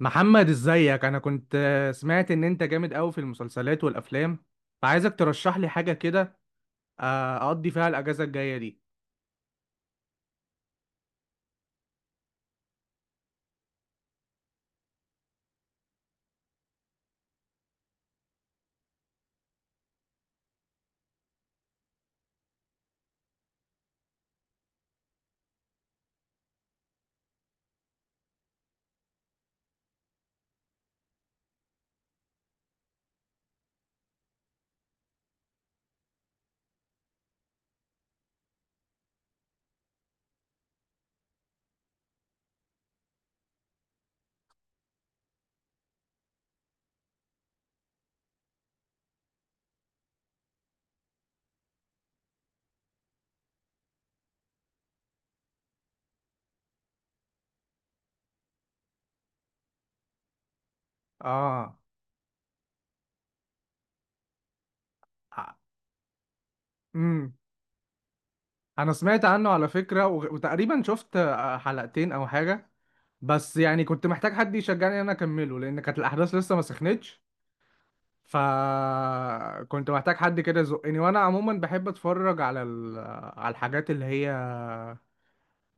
محمد، ازيك؟ انا كنت سمعت ان انت جامد قوي في المسلسلات والافلام، فعايزك ترشح لي حاجه كده، اقضي فيها الاجازه الجايه دي. اه. امم انا سمعت عنه على فكره، وتقريبا شفت حلقتين او حاجه، بس يعني كنت محتاج حد يشجعني ان انا اكمله، لان كانت الاحداث لسه ما سخنتش. فكنت محتاج حد كده يزقني، وانا عموما بحب اتفرج على على الحاجات اللي هي،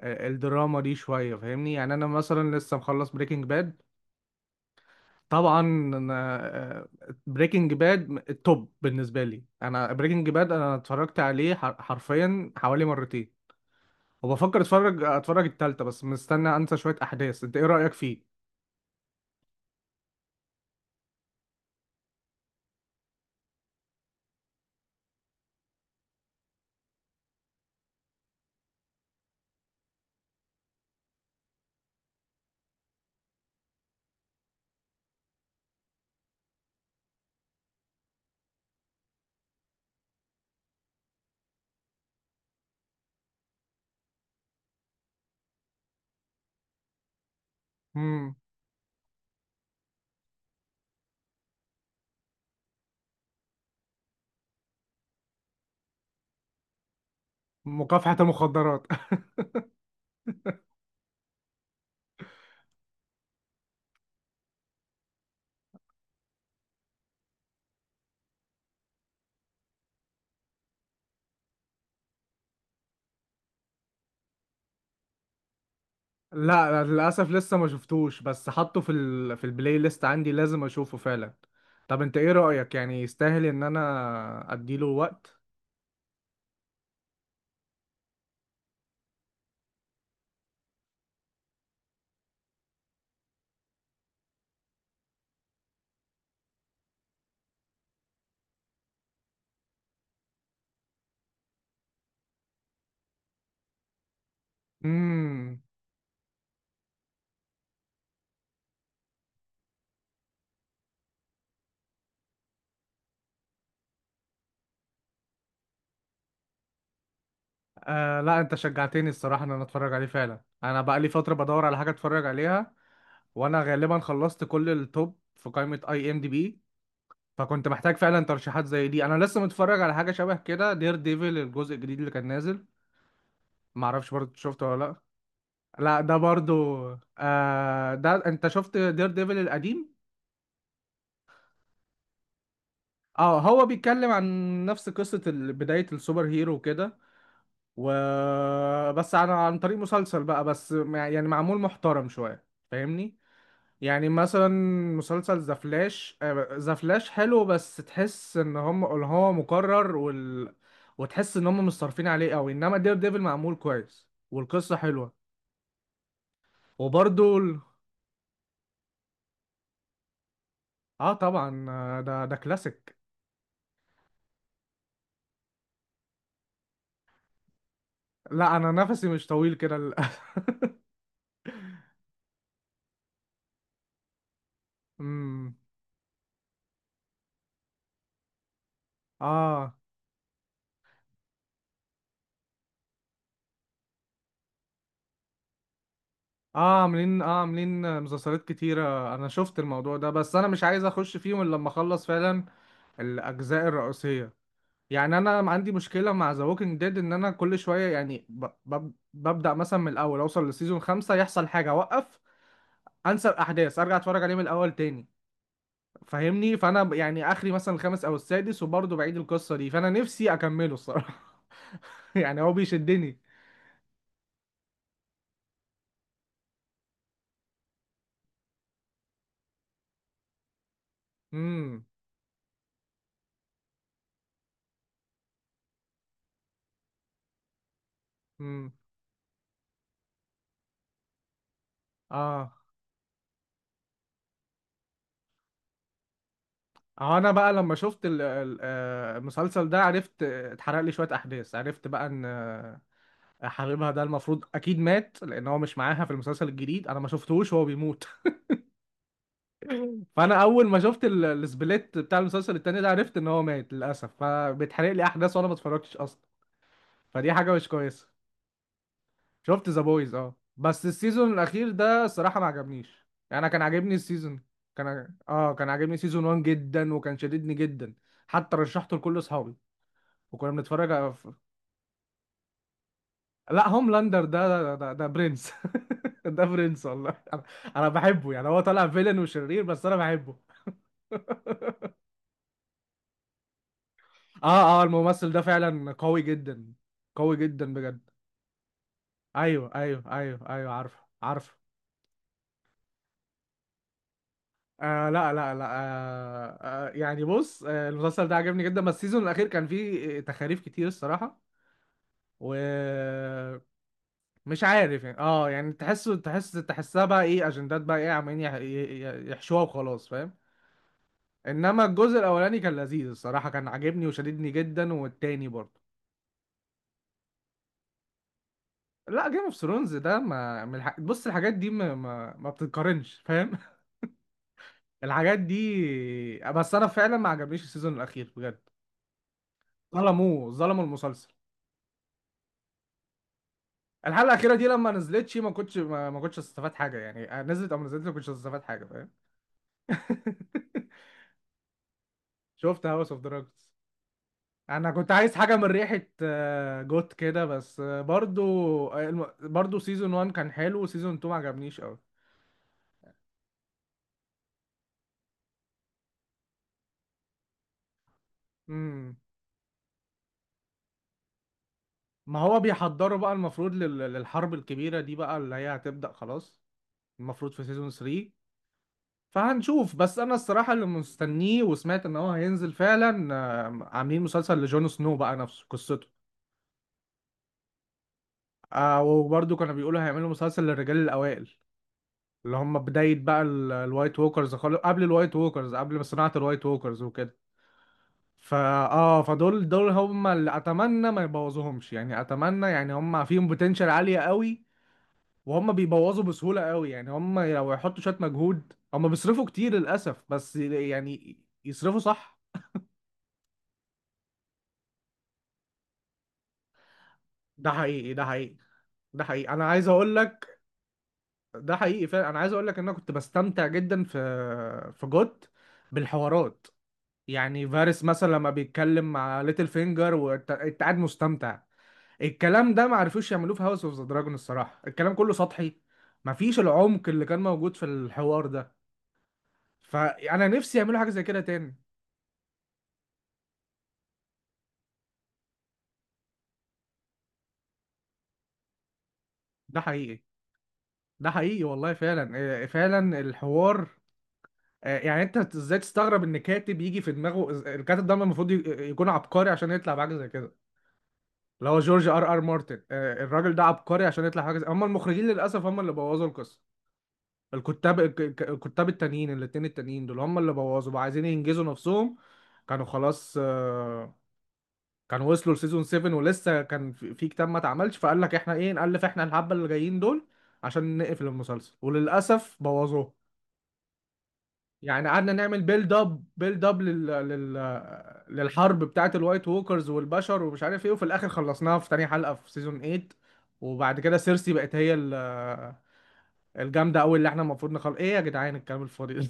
الدراما دي شويه، فاهمني؟ يعني انا مثلا لسه مخلص بريكنج باد. طبعا. انا بريكنج باد التوب بالنسبه لي. انا بريكنج باد انا اتفرجت عليه حرفيا حوالي مرتين، وبفكر اتفرج التالتة، بس مستني انسى شويه احداث. انت ايه رايك فيه؟ امم مكافحه المخدرات. لا للاسف لسه ما شفتوش، بس حاطه في في البلاي ليست عندي، لازم اشوفه فعلا. طب انت ايه رايك، يعني يستاهل ان انا اديله وقت؟ امم آه، لا انت شجعتني الصراحة، ان انا اتفرج عليه فعلا. انا بقى لي فترة بدور على حاجة اتفرج عليها، وانا غالبا خلصت كل التوب في قائمة اي ام دي بي. فكنت محتاج فعلا ترشيحات زي دي. انا لسه متفرج على حاجة شبه كده، دير ديفل الجزء الجديد اللي كان نازل. معرفش برضه، شفته ولا لا؟ لا ده برضو. آه، ده انت شفت دير ديفل القديم. اه، هو بيتكلم عن نفس قصة بداية السوبر هيرو وكده، وبس عن طريق مسلسل بقى، بس يعني معمول محترم شوية. فاهمني؟ يعني مثلا مسلسل ذا فلاش، ذا فلاش حلو، بس تحس ان هو مكرر وتحس ان هم مش صارفين عليه قوي. انما دير ديفل معمول كويس والقصه حلوه. وبرده اه طبعا، ده كلاسيك. لا انا نفسي مش طويل كده امم اه. اه عاملين، اه عاملين مسلسلات كتيره، انا شفت الموضوع ده، بس انا مش عايز اخش فيهم الا لما اخلص فعلا الاجزاء الرئيسيه. يعني انا عندي مشكله مع ذا ووكينج ديد، ان انا كل شويه يعني ببدا مثلا من الاول، اوصل لسيزون خمسة يحصل حاجه، اوقف، انسى الاحداث، ارجع اتفرج عليه من الاول تاني. فاهمني؟ فانا يعني اخري مثلا الخامس او السادس، وبرضه بعيد القصه دي، فانا نفسي اكمله الصراحه. يعني هو بيشدني. امم امم اه. انا بقى لما شفت المسلسل ده عرفت، اتحرق لي شويه احداث. عرفت بقى ان حبيبها ده المفروض اكيد مات، لان هو مش معاها في المسلسل الجديد، انا ما شفتهوش وهو بيموت. فانا اول ما شفت السبليت بتاع المسلسل التاني ده، عرفت ان هو مات للاسف، فبيتحرق لي احداث وانا ما اتفرجتش اصلا. فدي حاجه مش كويسه. شفت ذا بويز، اه، بس السيزون الاخير ده الصراحه ما عجبنيش. يعني انا كان عاجبني السيزون، اه كان عاجبني سيزون 1 جدا، وكان شددني جدا، حتى رشحته لكل اصحابي وكنا بنتفرج. لا هوملاندر ده، ده برنس. ده برنس، والله. انا، أنا بحبه، يعني هو طالع فيلن وشرير، بس انا بحبه. اه، اه الممثل ده فعلا قوي جدا، قوي جدا بجد. ايوه، ايوه، ايوه، ايوه، عارفه عارفه. آه، لا لا لا، آه آه يعني بص، آه المسلسل ده عجبني جدا، بس السيزون الاخير كان فيه تخاريف كتير الصراحه، ومش عارف يعني. اه يعني تحسها بقى ايه؟ اجندات بقى، ايه عمالين يحشوها وخلاص، فاهم؟ انما الجزء الاولاني كان لذيذ الصراحه، كان عاجبني وشددني جدا، والتاني برضه. لا جيم اوف ثرونز ده ما بص، الحاجات دي ما بتتقارنش، فاهم؟ الحاجات دي. بس انا فعلا ما عجبنيش السيزون الاخير بجد. ظلموه، ظلموا المسلسل. الحلقه الاخيره دي لما نزلتش ما كنتش استفاد حاجه، يعني نزلت او ما نزلتش، ما كنتش استفاد حاجه، فاهم؟ شفت هاوس اوف دراجونز. انا كنت عايز حاجه من ريحه، جوت كده، بس، برضو، برضو سيزون 1 كان حلو، وسيزون 2 ما عجبنيش قوي. امم ما هو بيحضروا بقى المفروض للحرب الكبيره دي بقى، اللي هي هتبدا خلاص. المفروض في سيزون 3. فهنشوف. بس انا الصراحه اللي مستنيه وسمعت ان هو هينزل فعلا، عاملين مسلسل لجون سنو بقى نفسه، قصته. وبرضو كانوا بيقولوا هيعملوا مسلسل للرجال الاوائل، اللي هم بدايه بقى الوايت ووكرز خالص، قبل الوايت ووكرز، قبل صناعه الوايت ووكرز وكده. فا اه، فدول هم اللي اتمنى ما يبوظوهمش. يعني اتمنى، يعني هم فيهم بوتنشال عالية قوي، وهم بيبوظوا بسهولة قوي. يعني هم لو يحطوا شوية مجهود، هم بيصرفوا كتير للأسف، بس يعني يصرفوا صح. ده حقيقي، ده حقيقي. ده حقيقي انا عايز اقول لك، ده حقيقي فعلا. انا عايز اقول لك ان انا كنت بستمتع جدا في جوت بالحوارات. يعني فارس مثلا لما بيتكلم مع ليتل فينجر، وانت قاعد مستمتع. الكلام ده ما عرفوش يعملوه في هاوس اوف ذا دراجون الصراحه، الكلام كله سطحي، مفيش العمق اللي كان موجود في الحوار ده. فانا نفسي يعملوا حاجه زي كده تاني. ده حقيقي، ده حقيقي والله، فعلا. فعلا الحوار، يعني انت ازاي تستغرب ان كاتب يجي في دماغه؟ الكاتب ده المفروض يكون عبقري عشان يطلع بحاجه زي كده، اللي هو جورج ار ار مارتن. الراجل ده عبقري عشان يطلع حاجه زي. هم المخرجين للاسف هم اللي بوظوا القصه. الكتاب، الكتاب التانيين، الاتنين التانيين دول، هم اللي بوظوا بقى، عايزين ينجزوا نفسهم. كانوا خلاص، كانوا وصلوا لسيزون 7، ولسه كان في كتاب ما اتعملش، فقال لك احنا ايه، نألف احنا الحبة اللي جايين دول عشان نقفل المسلسل، وللأسف بوظوه. يعني قعدنا نعمل بيلد اب بيلد اب للحرب بتاعت الوايت ووكرز والبشر، ومش عارف ايه، وفي الاخر خلصناها في تاني حلقة في سيزون 8. وبعد كده سيرسي بقت هي الجامدة قوي اللي احنا المفروض نخلص. ايه يا جدعان الكلام الفاضي ده؟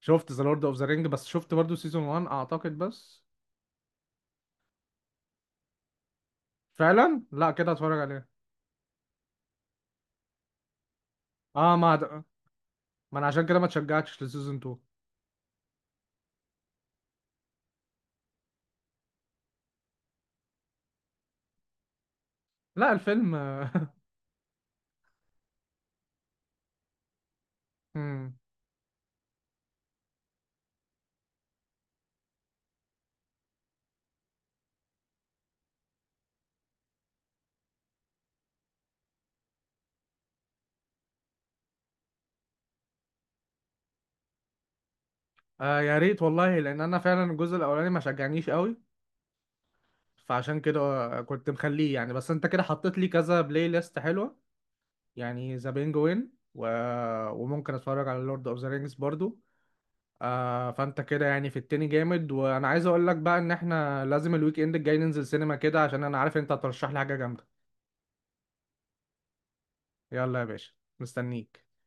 شفت ذا لورد اوف ذا رينج، بس شفت برضو سيزون 1 اعتقد بس. فعلا، لا كده هتفرج عليه. اه ما انا عشان كده ما اتشجعتش لسيزون 2. لا الفيلم آه. مم. يا ريت والله، لان انا فعلا الجزء الاولاني ما شجعنيش قوي، فعشان كده، كنت مخليه يعني. بس انت كده حطيت لي كذا بلاي ليست حلوه، يعني ذا بينجوين وممكن اتفرج على لورد اوف ذا رينجز برضو. آه، فانت كده يعني في التاني جامد. وانا عايز اقول لك بقى ان احنا لازم الويك اند الجاي ننزل سينما كده، عشان انا عارف انت هترشح لي حاجه جامده. يلا يا باشا، مستنيك.